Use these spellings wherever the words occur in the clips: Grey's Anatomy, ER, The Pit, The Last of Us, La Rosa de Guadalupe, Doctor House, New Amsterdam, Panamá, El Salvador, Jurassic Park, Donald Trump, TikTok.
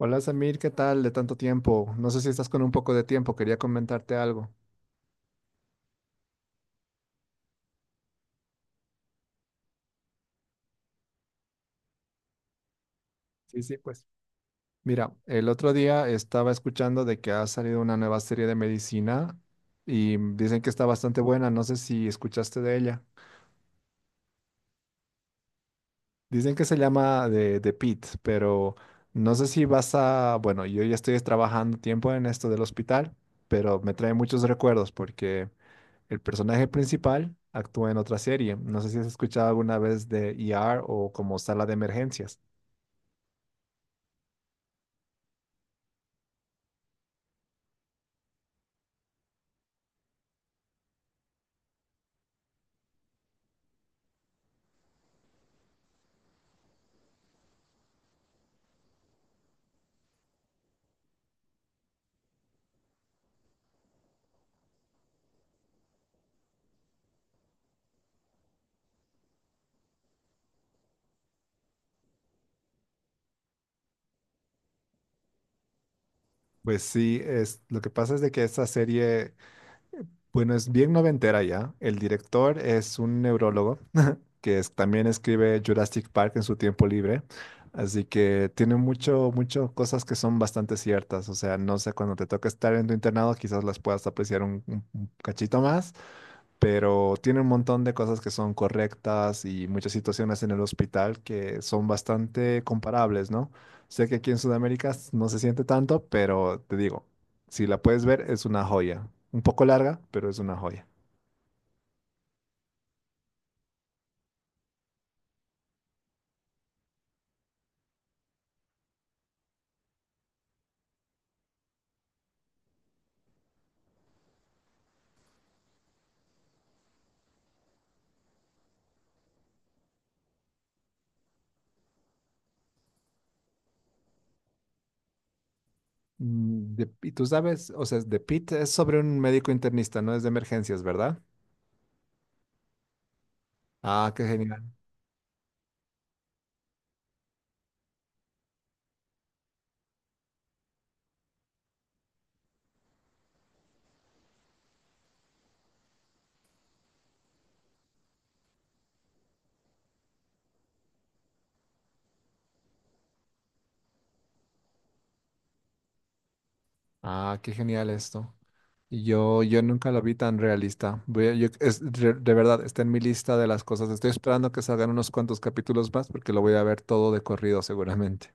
Hola Samir, ¿qué tal? De tanto tiempo. No sé si estás con un poco de tiempo, quería comentarte algo. Sí, sí, pues, mira, el otro día estaba escuchando de que ha salido una nueva serie de medicina y dicen que está bastante buena. No sé si escuchaste de ella. Dicen que se llama de The Pit, pero no sé si vas a, bueno, yo ya estoy trabajando tiempo en esto del hospital, pero me trae muchos recuerdos porque el personaje principal actúa en otra serie. No sé si has escuchado alguna vez de ER o como Sala de Emergencias. Pues sí, es, lo que pasa es de que esta serie, bueno, es bien noventera ya. El director es un neurólogo también escribe Jurassic Park en su tiempo libre. Así que tiene mucho, mucho cosas que son bastante ciertas. O sea, no sé, cuando te toca estar en tu internado, quizás las puedas apreciar un cachito más, pero tiene un montón de cosas que son correctas y muchas situaciones en el hospital que son bastante comparables, ¿no? Sé que aquí en Sudamérica no se siente tanto, pero te digo, si la puedes ver, es una joya. Un poco larga, pero es una joya. Y tú sabes, o sea, de Pete es sobre un médico internista, no es de emergencias, ¿verdad? Ah, qué genial. Ah, qué genial esto. Yo nunca la vi tan realista. Es, de verdad, está en mi lista de las cosas. Estoy esperando que salgan unos cuantos capítulos más porque lo voy a ver todo de corrido seguramente.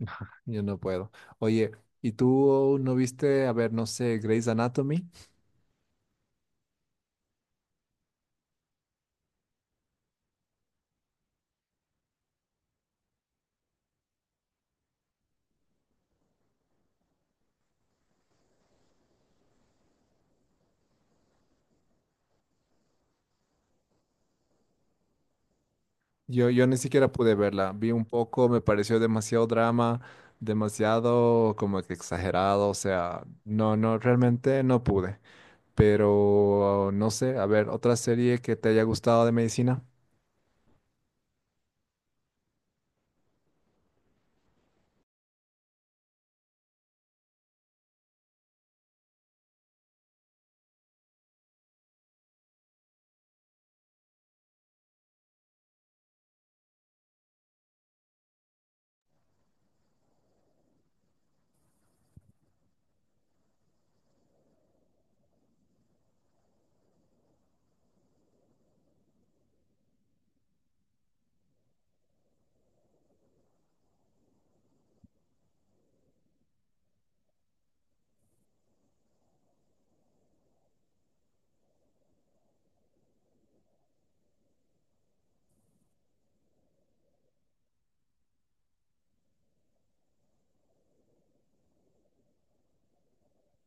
Ajá, yo no puedo. Oye, ¿y tú no viste, a ver, no sé, Grey's Anatomy? Yo ni siquiera pude verla. Vi un poco, me pareció demasiado drama, demasiado como que exagerado. O sea, no, no, realmente no pude. Pero no sé, a ver, otra serie que te haya gustado de medicina.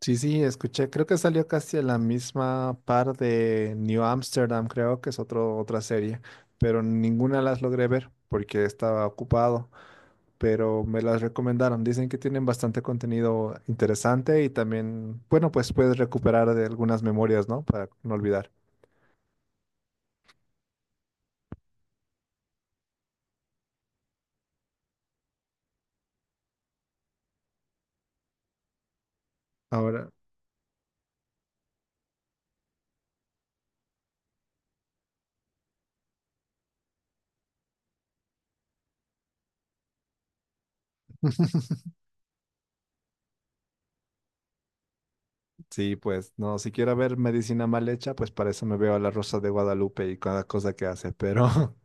Sí, sí, escuché, creo que salió casi a la misma par de New Amsterdam, creo que es otro, otra serie, pero ninguna las logré ver porque estaba ocupado, pero me las recomendaron. Dicen que tienen bastante contenido interesante y también, bueno, pues puedes recuperar de algunas memorias, ¿no? Para no olvidar. Ahora, sí, pues no, si quiero ver medicina mal hecha, pues para eso me veo a La Rosa de Guadalupe y cada cosa que hace, pero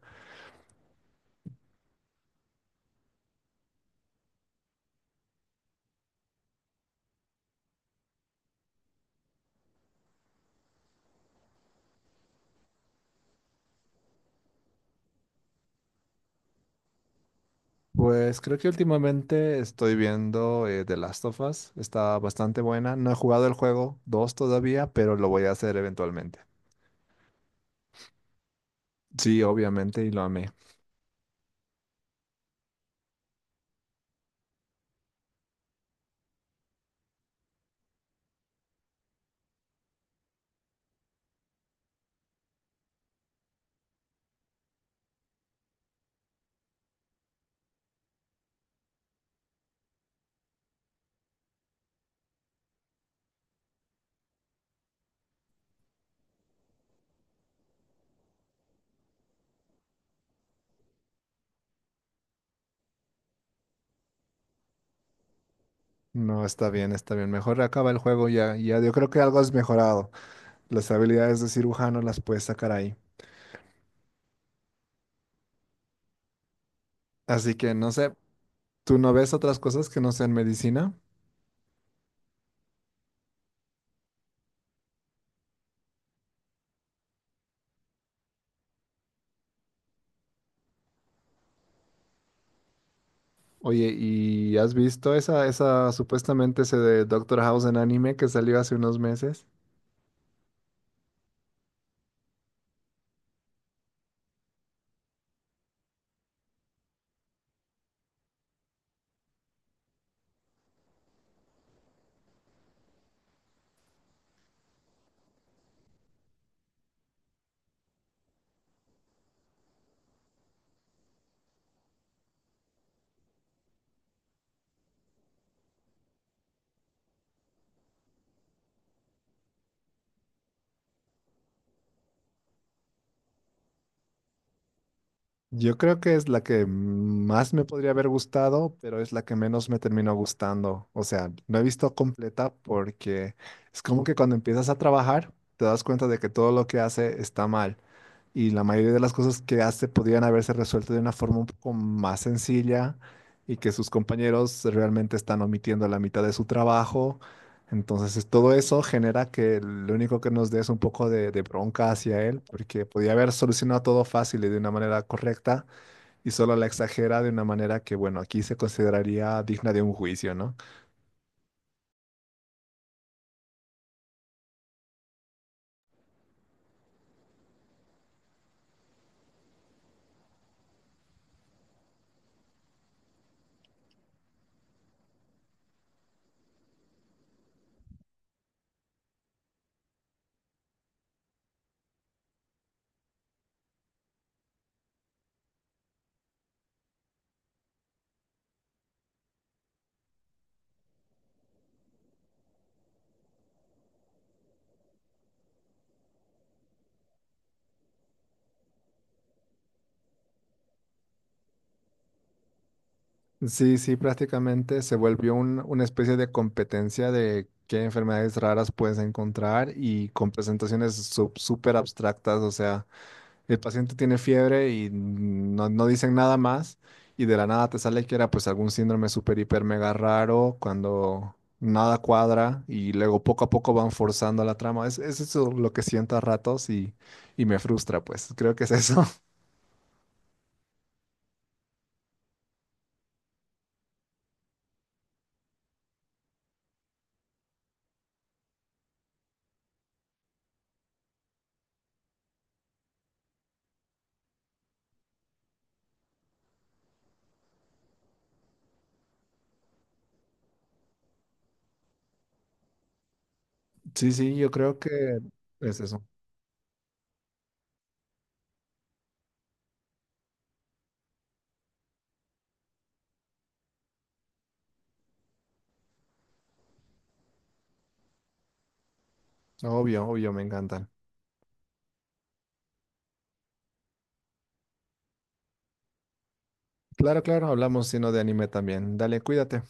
pues creo que últimamente estoy viendo The Last of Us. Está bastante buena. No he jugado el juego 2 todavía, pero lo voy a hacer eventualmente. Sí, obviamente, y lo amé. No, está bien, está bien. Mejor acaba el juego, ya, ya. Yo creo que algo has mejorado. Las habilidades de cirujano las puedes sacar ahí. Así que no sé, ¿tú no ves otras cosas que no sean medicina? Oye, ¿y has visto esa, esa supuestamente ese de Doctor House en anime que salió hace unos meses? Yo creo que es la que más me podría haber gustado, pero es la que menos me terminó gustando. O sea, no he visto completa porque es como que cuando empiezas a trabajar te das cuenta de que todo lo que hace está mal y la mayoría de las cosas que hace podrían haberse resuelto de una forma un poco más sencilla y que sus compañeros realmente están omitiendo la mitad de su trabajo. Entonces, todo eso genera que lo único que nos dé es un poco de bronca hacia él, porque podía haber solucionado todo fácil y de una manera correcta, y solo la exagera de una manera que, bueno, aquí se consideraría digna de un juicio, ¿no? Sí, sí, prácticamente se volvió una especie de competencia de qué enfermedades raras puedes encontrar y con presentaciones súper abstractas. O sea, el paciente tiene fiebre y no, no dicen nada más y de la nada te sale que era pues algún síndrome super hiper mega raro cuando nada cuadra y luego poco a poco van forzando la trama. Es eso lo que siento a ratos y me frustra pues. Creo que es eso. Sí, sí, yo creo que es eso. Obvio, obvio, me encantan. Claro, claro, hablamos sino de anime también. Dale, cuídate.